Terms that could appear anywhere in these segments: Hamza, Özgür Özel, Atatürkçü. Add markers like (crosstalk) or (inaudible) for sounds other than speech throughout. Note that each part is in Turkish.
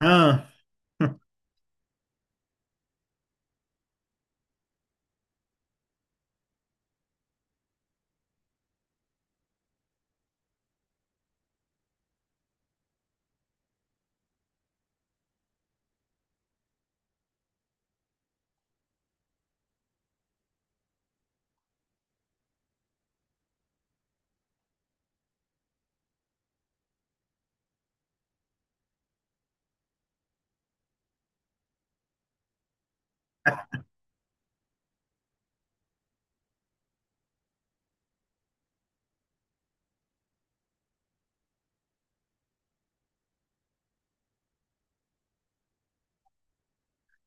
Ha.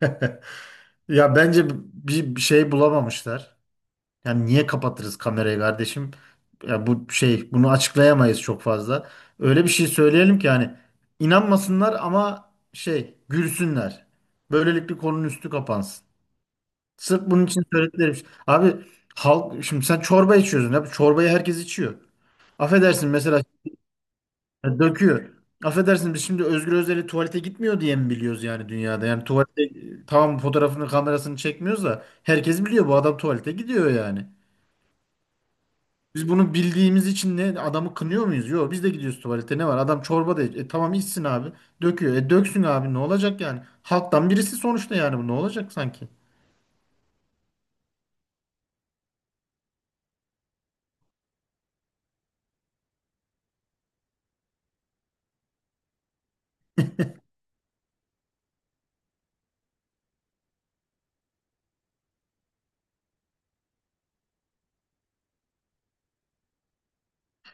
(laughs) Ya bence bir şey bulamamışlar. Yani niye kapatırız kamerayı kardeşim? Ya bu şey bunu açıklayamayız çok fazla. Öyle bir şey söyleyelim ki hani inanmasınlar ama şey gülsünler. Böylelikle konunun üstü kapansın. Sırf bunun için söyledikleri bir şey. Abi halk şimdi sen çorba içiyorsun. Abi çorbayı herkes içiyor. Affedersin mesela ya döküyor. Affedersin biz şimdi Özgür Özel'i tuvalete gitmiyor diye mi biliyoruz yani dünyada? Yani tuvalete tamam fotoğrafını kamerasını çekmiyoruz da herkes biliyor bu adam tuvalete gidiyor yani. Biz bunu bildiğimiz için ne adamı kınıyor muyuz? Yok biz de gidiyoruz tuvalete, ne var? Adam çorba da tamam içsin abi. Döküyor. E döksün abi ne olacak yani? Halktan birisi sonuçta, yani bu ne olacak sanki?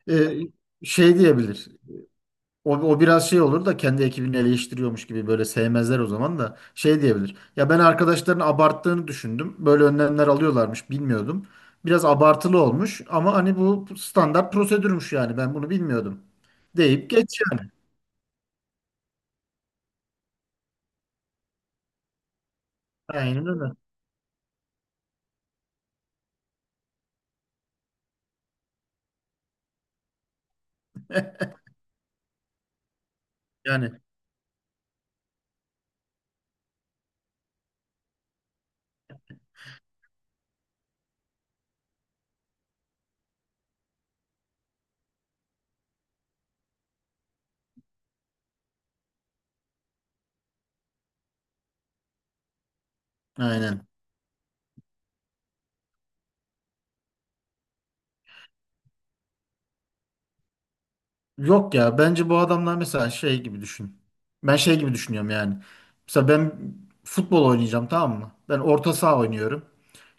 E, Şey diyebilir. O biraz şey olur da kendi ekibini eleştiriyormuş gibi böyle sevmezler, o zaman da şey diyebilir. Ya ben arkadaşların abarttığını düşündüm. Böyle önlemler alıyorlarmış, bilmiyordum. Biraz abartılı olmuş ama hani bu standart prosedürmüş, yani ben bunu bilmiyordum. Deyip geçiyor. Aynen öyle. Yani aynen. Yok ya, bence bu adamlar mesela şey gibi düşün. Ben şey gibi düşünüyorum yani. Mesela ben futbol oynayacağım, tamam mı? Ben orta saha oynuyorum.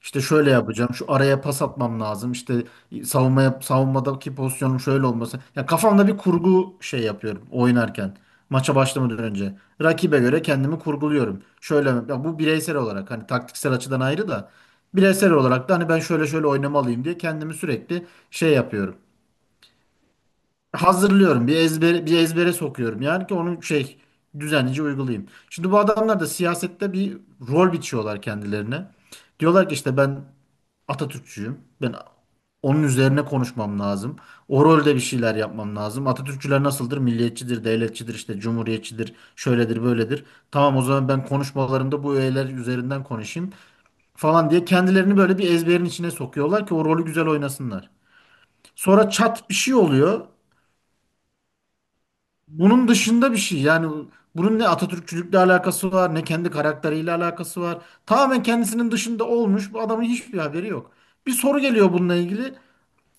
İşte şöyle yapacağım. Şu araya pas atmam lazım. İşte savunmaya, savunmadaki pozisyonum şöyle olması. Ya kafamda bir kurgu şey yapıyorum oynarken. Maça başlamadan önce. Rakibe göre kendimi kurguluyorum. Şöyle, ya bu bireysel olarak hani taktiksel açıdan ayrı da bireysel olarak da hani ben şöyle şöyle oynamalıyım diye kendimi sürekli şey yapıyorum, hazırlıyorum. Bir ezbere sokuyorum. Yani ki onu şey düzenlice uygulayayım. Şimdi bu adamlar da siyasette bir rol biçiyorlar kendilerine. Diyorlar ki işte ben Atatürkçüyüm. Ben onun üzerine konuşmam lazım. O rolde bir şeyler yapmam lazım. Atatürkçüler nasıldır? Milliyetçidir, devletçidir, işte cumhuriyetçidir, şöyledir, böyledir. Tamam o zaman ben konuşmalarımda bu öğeler üzerinden konuşayım falan diye kendilerini böyle bir ezberin içine sokuyorlar ki o rolü güzel oynasınlar. Sonra çat bir şey oluyor. Bunun dışında bir şey, yani bunun ne Atatürkçülükle alakası var ne kendi karakteriyle alakası var. Tamamen kendisinin dışında olmuş, bu adamın hiçbir haberi yok. Bir soru geliyor bununla ilgili,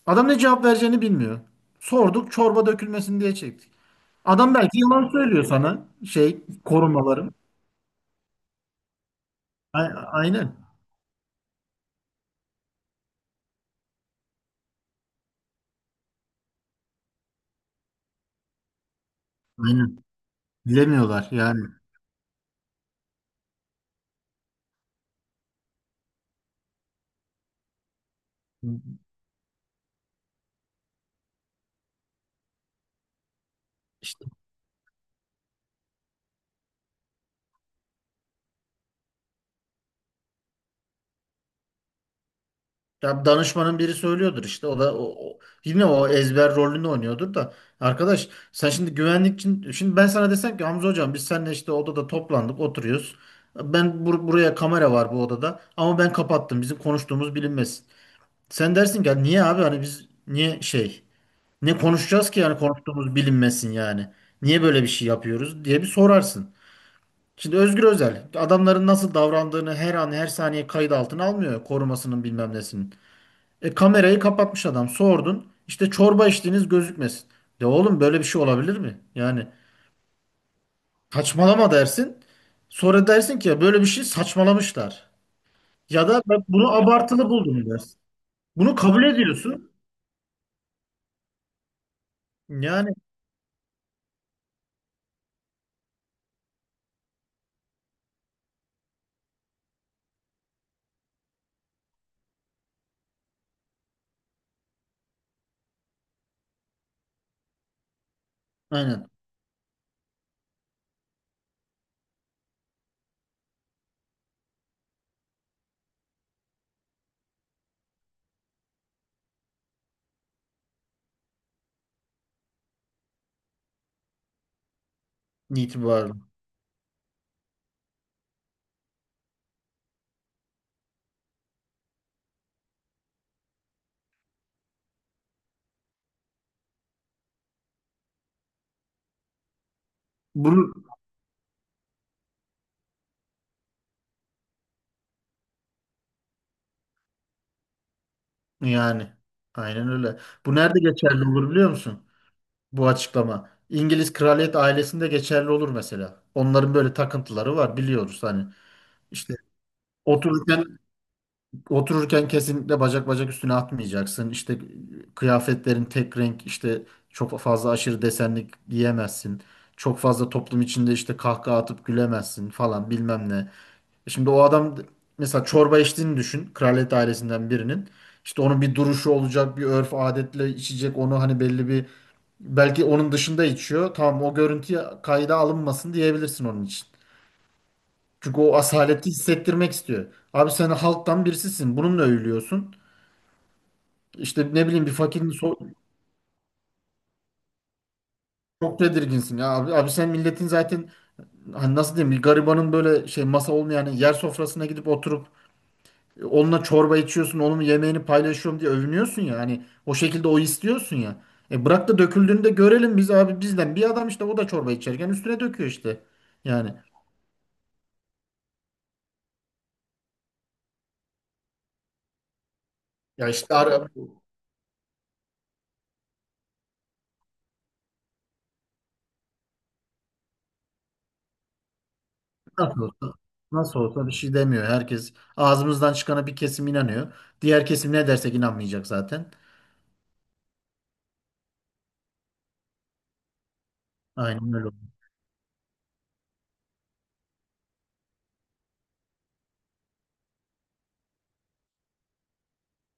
adam ne cevap vereceğini bilmiyor. Sorduk, çorba dökülmesin diye çektik. Adam belki yalan söylüyor sana, şey korumalarım. A- Aynen. Aynen. Bilemiyorlar yani. Ya danışmanın biri söylüyordur işte, o da yine o ezber rolünü oynuyordur da arkadaş sen şimdi güvenlik için, şimdi ben sana desem ki Hamza hocam biz seninle işte odada toplandık oturuyoruz, ben buraya kamera var bu odada ama ben kapattım, bizim konuştuğumuz bilinmesin, sen dersin ki "Ya niye abi, hani biz niye şey, ne konuşacağız ki yani, konuştuğumuz bilinmesin yani niye böyle bir şey yapıyoruz" diye bir sorarsın. Şimdi Özgür Özel adamların nasıl davrandığını her an her saniye kayıt altına almıyor, korumasının bilmem nesinin. Kamerayı kapatmış adam. Sordun. İşte çorba içtiğiniz gözükmesin. De oğlum, böyle bir şey olabilir mi? Yani saçmalama dersin. Sonra dersin ki "Ya böyle bir şey saçmalamışlar." Ya da ben bunu abartılı buldum dersin. Bunu kabul ediyorsun. Yani aynen, itibarlı. Bunu, yani aynen öyle. Bu nerede geçerli olur biliyor musun? Bu açıklama. İngiliz kraliyet ailesinde geçerli olur mesela. Onların böyle takıntıları var biliyoruz hani. İşte otururken, otururken kesinlikle bacak bacak üstüne atmayacaksın. İşte kıyafetlerin tek renk, işte çok fazla aşırı desenlik giyemezsin. Çok fazla toplum içinde işte kahkaha atıp gülemezsin falan bilmem ne. Şimdi o adam mesela çorba içtiğini düşün. Kraliyet ailesinden birinin. İşte onun bir duruşu olacak, bir örf adetle içecek. Onu hani belli bir, belki onun dışında içiyor. Tamam, o görüntü kayda alınmasın diyebilirsin onun için. Çünkü o asaleti hissettirmek istiyor. Abi sen halktan birisisin. Bununla övülüyorsun. İşte ne bileyim bir fakirin so çok tedirginsin ya abi. Abi sen milletin zaten hani nasıl diyeyim, bir garibanın böyle şey masa olmayan yani yer sofrasına gidip oturup onunla çorba içiyorsun, onun yemeğini paylaşıyorum diye övünüyorsun ya, hani o şekilde o istiyorsun ya. E bırak da döküldüğünü de görelim biz abi, bizden bir adam işte, o da çorba içerken üstüne döküyor işte. Yani ya nasıl olsa, nasıl olsa bir şey demiyor. Herkes ağzımızdan çıkana bir kesim inanıyor. Diğer kesim ne dersek inanmayacak zaten. Aynen öyle.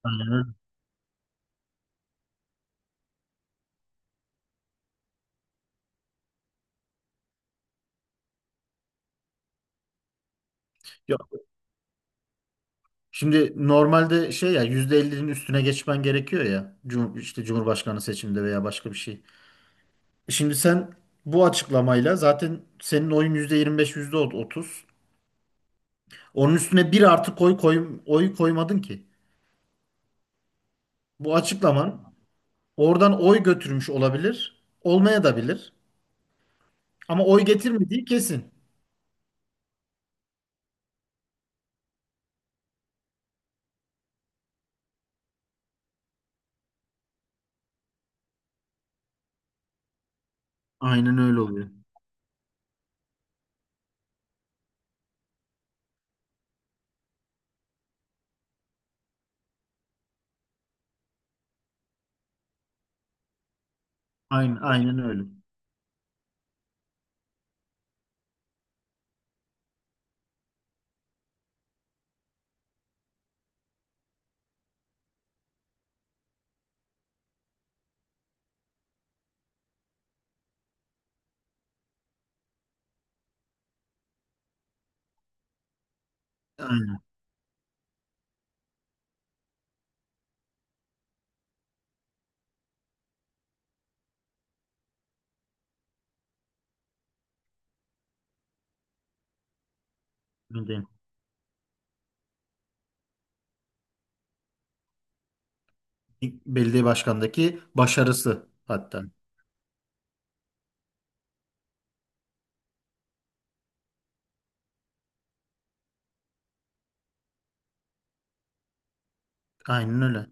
Aynen öyle. Şimdi normalde şey, ya %50'nin üstüne geçmen gerekiyor ya. İşte Cumhurbaşkanı seçiminde veya başka bir şey. Şimdi sen bu açıklamayla zaten senin oyun %25, %30. Onun üstüne bir artı koy, oy koymadın ki. Bu açıklaman oradan oy götürmüş olabilir. Olmaya da bilir. Ama oy getirmediği kesin. Aynen öyle oluyor. Aynen öyle. Aynen. Öyle değil. Belediye başkanındaki başarısı hatta. Aynen öyle.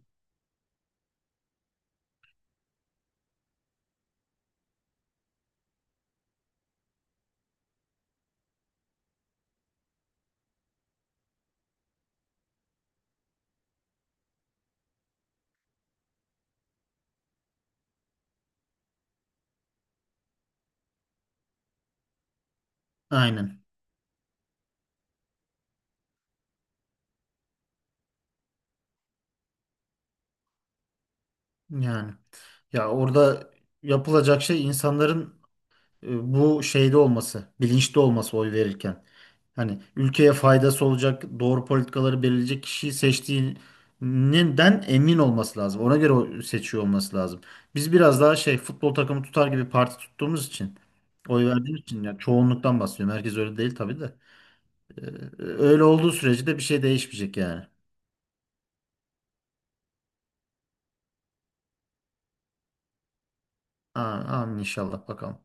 Aynen. Yani ya orada yapılacak şey, insanların bu şeyde olması, bilinçli olması oy verirken. Hani ülkeye faydası olacak, doğru politikaları belirleyecek kişiyi seçtiğinden emin olması lazım. Ona göre o seçiyor olması lazım. Biz biraz daha şey, futbol takımı tutar gibi parti tuttuğumuz için, oy verdiğimiz için, ya çoğunluktan bahsediyorum. Herkes öyle değil tabii de. Ee, Öyle olduğu sürece de bir şey değişmeyecek yani. A- Amin inşallah, bakalım.